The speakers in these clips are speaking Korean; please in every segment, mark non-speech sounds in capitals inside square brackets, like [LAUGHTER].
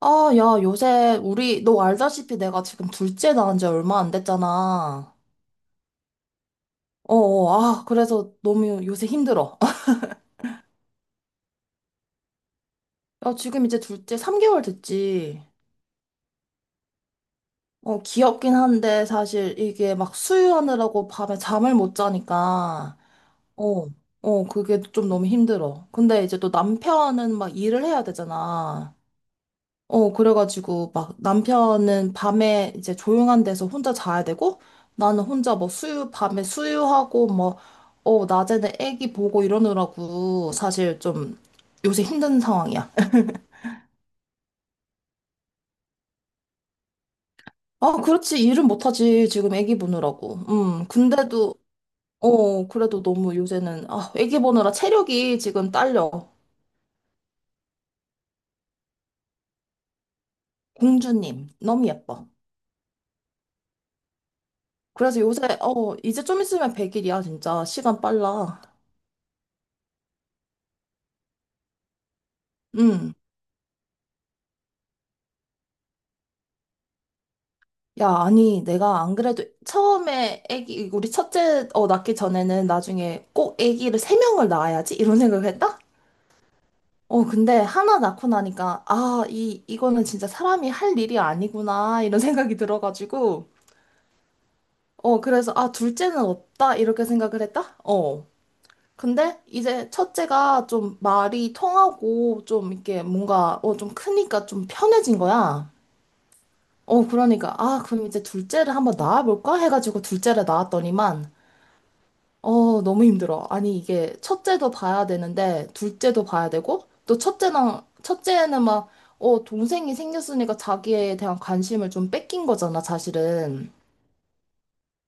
아, 야, 요새 우리 너 알다시피 내가 지금 둘째 낳은 지 얼마 안 됐잖아. 어, 어, 아, 그래서 너무 요새 힘들어. [LAUGHS] 야, 지금 이제 둘째 3개월 됐지. 어, 귀엽긴 한데 사실 이게 막 수유하느라고 밤에 잠을 못 자니까 어, 어, 그게 좀 너무 힘들어. 근데 이제 또 남편은 막 일을 해야 되잖아. 어, 그래가지고 막 남편은 밤에 이제 조용한 데서 혼자 자야 되고 나는 혼자 뭐 밤에 수유하고 뭐, 어, 낮에는 애기 보고 이러느라고 사실 좀 요새 힘든 상황이야. 아, 그렇지. 일은 못하지. 지금 애기 보느라고. 근데도, 어, 그래도 너무 요새는, 아, 애기 보느라 체력이 지금 딸려. 공주님, 너무 예뻐. 그래서 요새, 어, 이제 좀 있으면 100일이야, 진짜. 시간 빨라. 음. 야, 아니, 내가 안 그래도 처음에 우리 첫째 어, 낳기 전에는 나중에 꼭 애기를 세 명을 낳아야지? 이런 생각을 했다? 어, 근데 하나 낳고 나니까, 아, 이거는 진짜 사람이 할 일이 아니구나, 이런 [LAUGHS] 생각이 들어가지고, 어, 그래서, 아, 둘째는 없다, 이렇게 생각을 했다? 어. 근데 이제 첫째가 좀 말이 통하고, 좀 이렇게 뭔가, 어, 좀 크니까 좀 편해진 거야. 어, 그러니까, 아, 그럼 이제 둘째를 한번 낳아볼까? 해가지고 둘째를 낳았더니만, 어, 너무 힘들어. 아니, 이게 첫째도 봐야 되는데, 둘째도 봐야 되고, 또 첫째는 막, 어, 동생이 생겼으니까 자기에 대한 관심을 좀 뺏긴 거잖아, 사실은.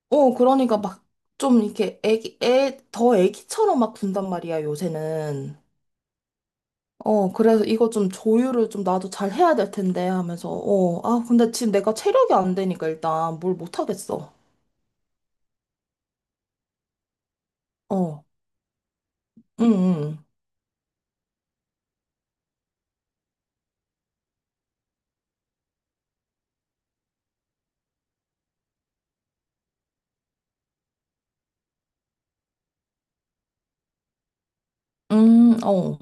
어, 그러니까 막, 좀 이렇게 더 애기처럼 막 군단 말이야, 요새는. 어, 그래서 이거 좀 조율을 좀 나도 잘 해야 될 텐데 하면서, 어, 아, 근데 지금 내가 체력이 안 되니까 일단 뭘 못 하겠어. 어, 응, 응, 응, 어,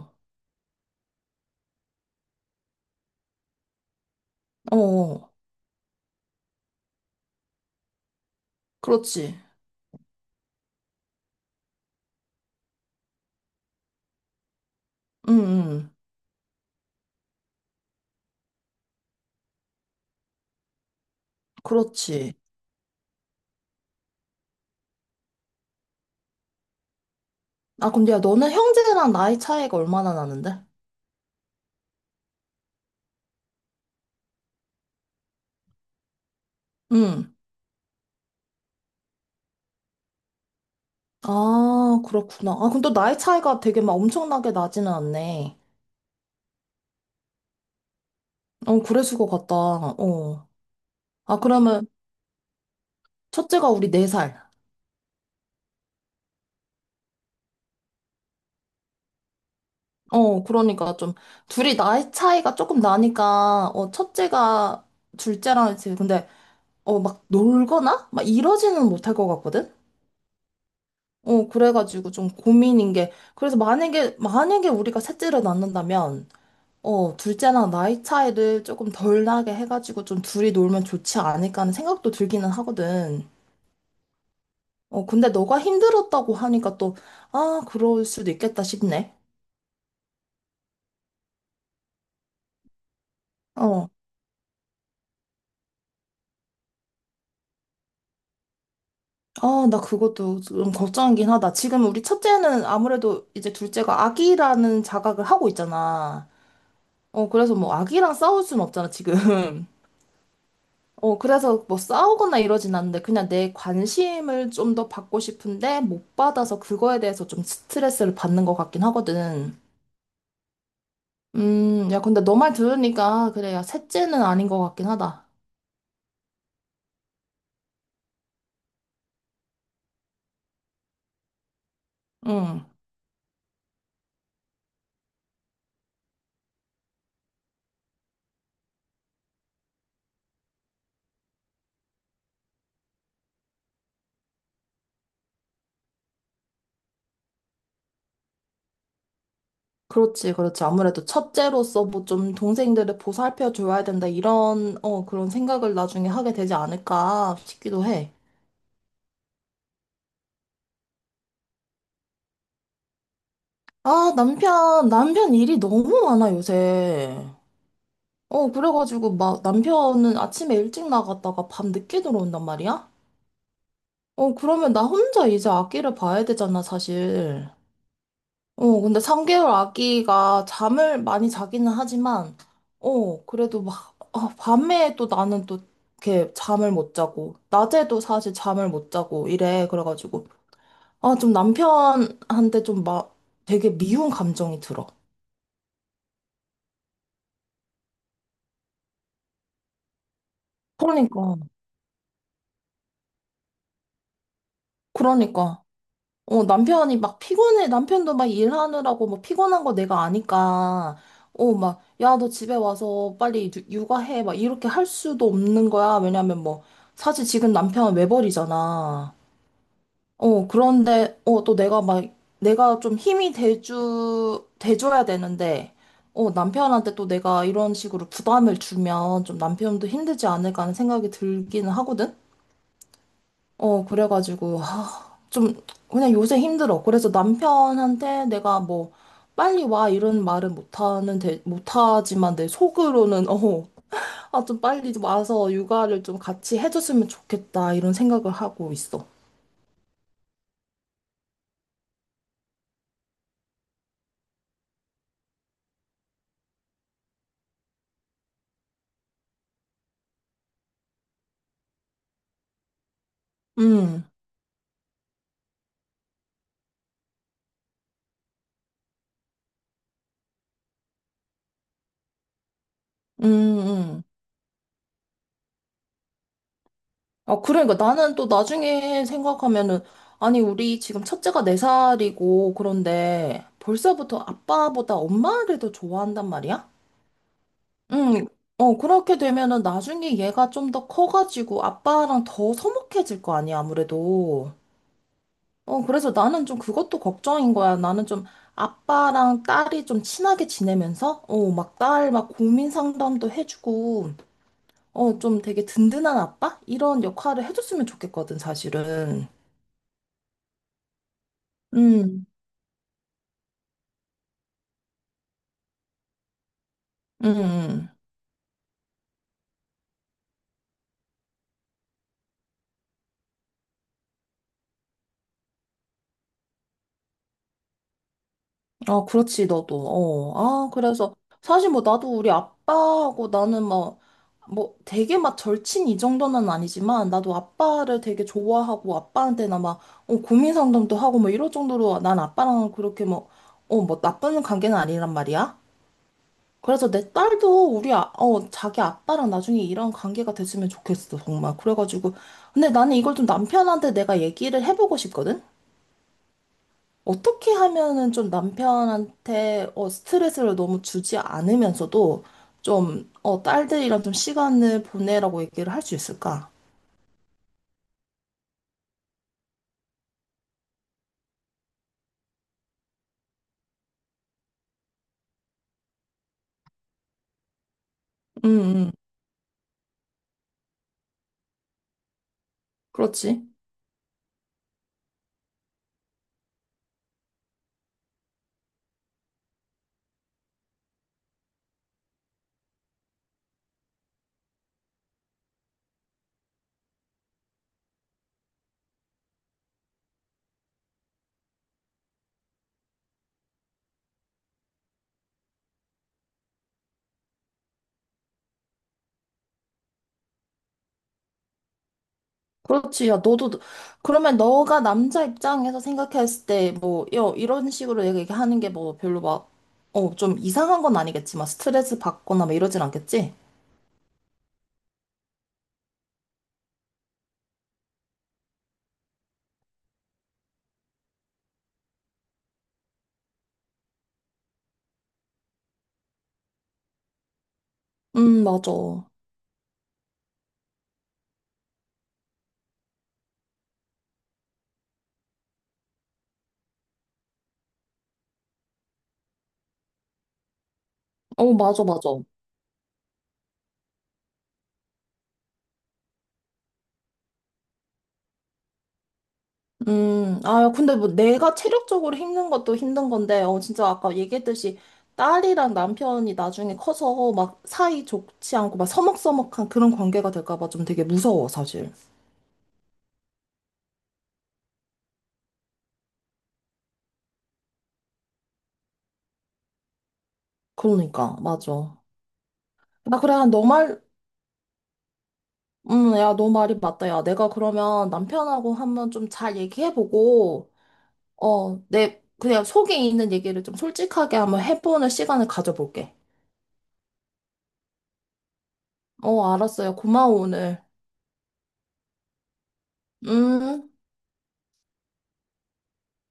어, 어. 그렇지. 응, 응. 그렇지. 아, 근데 야, 너는 형제랑 나이 차이가 얼마나 나는데? 응. 아, 그렇구나. 아, 근데 또 나이 차이가 되게 막 엄청나게 나지는 않네. 어, 그랬을 것 같다. 어. 아, 그러면 첫째가 우리 4살 어, 그러니까 좀 둘이 나이 차이가 조금 나니까, 어, 첫째가 둘째랑 이제 근데, 어, 막 놀거나? 막 이러지는 못할 것 같거든? 어, 그래가지고 좀 고민인 게, 그래서 만약에 우리가 셋째를 낳는다면, 어, 둘째랑 나이 차이를 조금 덜 나게 해가지고 좀 둘이 놀면 좋지 않을까 하는 생각도 들기는 하거든. 어, 근데 너가 힘들었다고 하니까 또, 아, 그럴 수도 있겠다 싶네. 어, 아, 나 그것도 좀 걱정이긴 하다. 지금 우리 첫째는 아무래도 이제 둘째가 아기라는 자각을 하고 있잖아. 어, 그래서 뭐 아기랑 싸울 순 없잖아, 지금. [LAUGHS] 어, 그래서 뭐 싸우거나 이러진 않는데 그냥 내 관심을 좀 더 받고 싶은데 못 받아서 그거에 대해서 좀 스트레스를 받는 것 같긴 하거든. 야, 근데 너 말 들으니까 그래, 야, 셋째는 아닌 것 같긴 하다. 응, 그렇지, 그렇지. 아무래도 첫째로서 뭐 좀 동생들을 보살펴 줘야 된다 이런, 어, 그런 생각을 나중에 하게 되지 않을까 싶기도 해. 아, 남편 일이 너무 많아, 요새. 어, 그래가지고 막 남편은 아침에 일찍 나갔다가 밤 늦게 들어온단 말이야? 어, 그러면 나 혼자 이제 아기를 봐야 되잖아, 사실. 어, 근데 3개월 아기가 잠을 많이 자기는 하지만, 어, 그래도 막, 어, 밤에 또 나는 또 이렇게 잠을 못 자고, 낮에도 사실 잠을 못 자고 이래. 그래가지고, 아, 좀 남편한테 좀 막 되게 미운 감정이 들어. 그러니까, 그러니까. 어, 남편이 막 피곤해, 남편도 막 일하느라고 뭐 피곤한 거 내가 아니까, 어, 막, 야, 너 집에 와서 빨리 육아해. 막 이렇게 할 수도 없는 거야. 왜냐면 뭐, 사실 지금 남편은 외벌이잖아. 어, 그런데, 어, 또 내가 막, 내가 좀 힘이 돼줘야 되는데, 어, 남편한테 또 내가 이런 식으로 부담을 주면 좀 남편도 힘들지 않을까 하는 생각이 들기는 하거든? 어, 그래가지고, 아, 좀, 그냥 요새 힘들어. 그래서 남편한테 내가 뭐, 빨리 와, 이런 말은 못하지만 내 속으로는, 어, 아, 좀 빨리 좀 와서 육아를 좀 같이 해줬으면 좋겠다, 이런 생각을 하고 있어. 음, 음, 음. 아, 그러니까 나는 또 나중에 생각하면은, 아니, 우리 지금 첫째가 4살이고 그런데 벌써부터 아빠보다 엄마를 더 좋아한단 말이야? 응, 어, 그렇게 되면은 나중에 얘가 좀 더 커가지고 아빠랑 더 서먹해질 거 아니야, 아무래도. 어, 그래서 나는 좀 그것도 걱정인 거야. 나는 좀 아빠랑 딸이 좀 친하게 지내면서, 어, 막 딸 막 고민 상담도 해주고, 어, 좀 되게 든든한 아빠? 이런 역할을 해줬으면 좋겠거든, 사실은. 응, 응, 응. 아, 그렇지, 너도. 어. 아, 그래서 사실 뭐 나도 우리 아빠하고 나는 뭐, 되게 막 절친 이 정도는 아니지만 나도 아빠를 되게 좋아하고 아빠한테나 막 어, 고민 상담도 하고 뭐 이럴 정도로 난 아빠랑 그렇게 뭐, 어, 뭐 나쁜 관계는 아니란 말이야. 그래서 내 딸도 어, 자기 아빠랑 나중에 이런 관계가 됐으면 좋겠어, 정말. 그래가지고. 근데 나는 이걸 좀 남편한테 내가 얘기를 해보고 싶거든? 어떻게 하면은 좀 남편한테 어, 스트레스를 너무 주지 않으면서도 좀 어, 딸들이랑 좀 시간을 보내라고 얘기를 할 수 있을까? 음, 음, 그렇지. 그렇지. 야, 너도, 그러면 너가 남자 입장에서 생각했을 때, 뭐, 이런 식으로 얘기하는 게 뭐 별로 막, 어, 좀 이상한 건 아니겠지만, 스트레스 받거나 막 이러진 않겠지? 맞아. 어, 맞아, 맞아. 아, 근데 뭐 내가 체력적으로 힘든 것도 힘든 건데, 어, 진짜 아까 얘기했듯이 딸이랑 남편이 나중에 커서 막 사이 좋지 않고 막 서먹서먹한 그런 관계가 될까 봐 좀 되게 무서워, 사실. 그러니까, 맞아. 아 그래, 야, 너 말이 맞다. 야, 내가 그러면 남편하고 한번 좀 잘 얘기해보고, 어, 그냥 속에 있는 얘기를 좀 솔직하게 한번 해보는 시간을 가져볼게. 어, 알았어요. 고마워, 오늘. 음.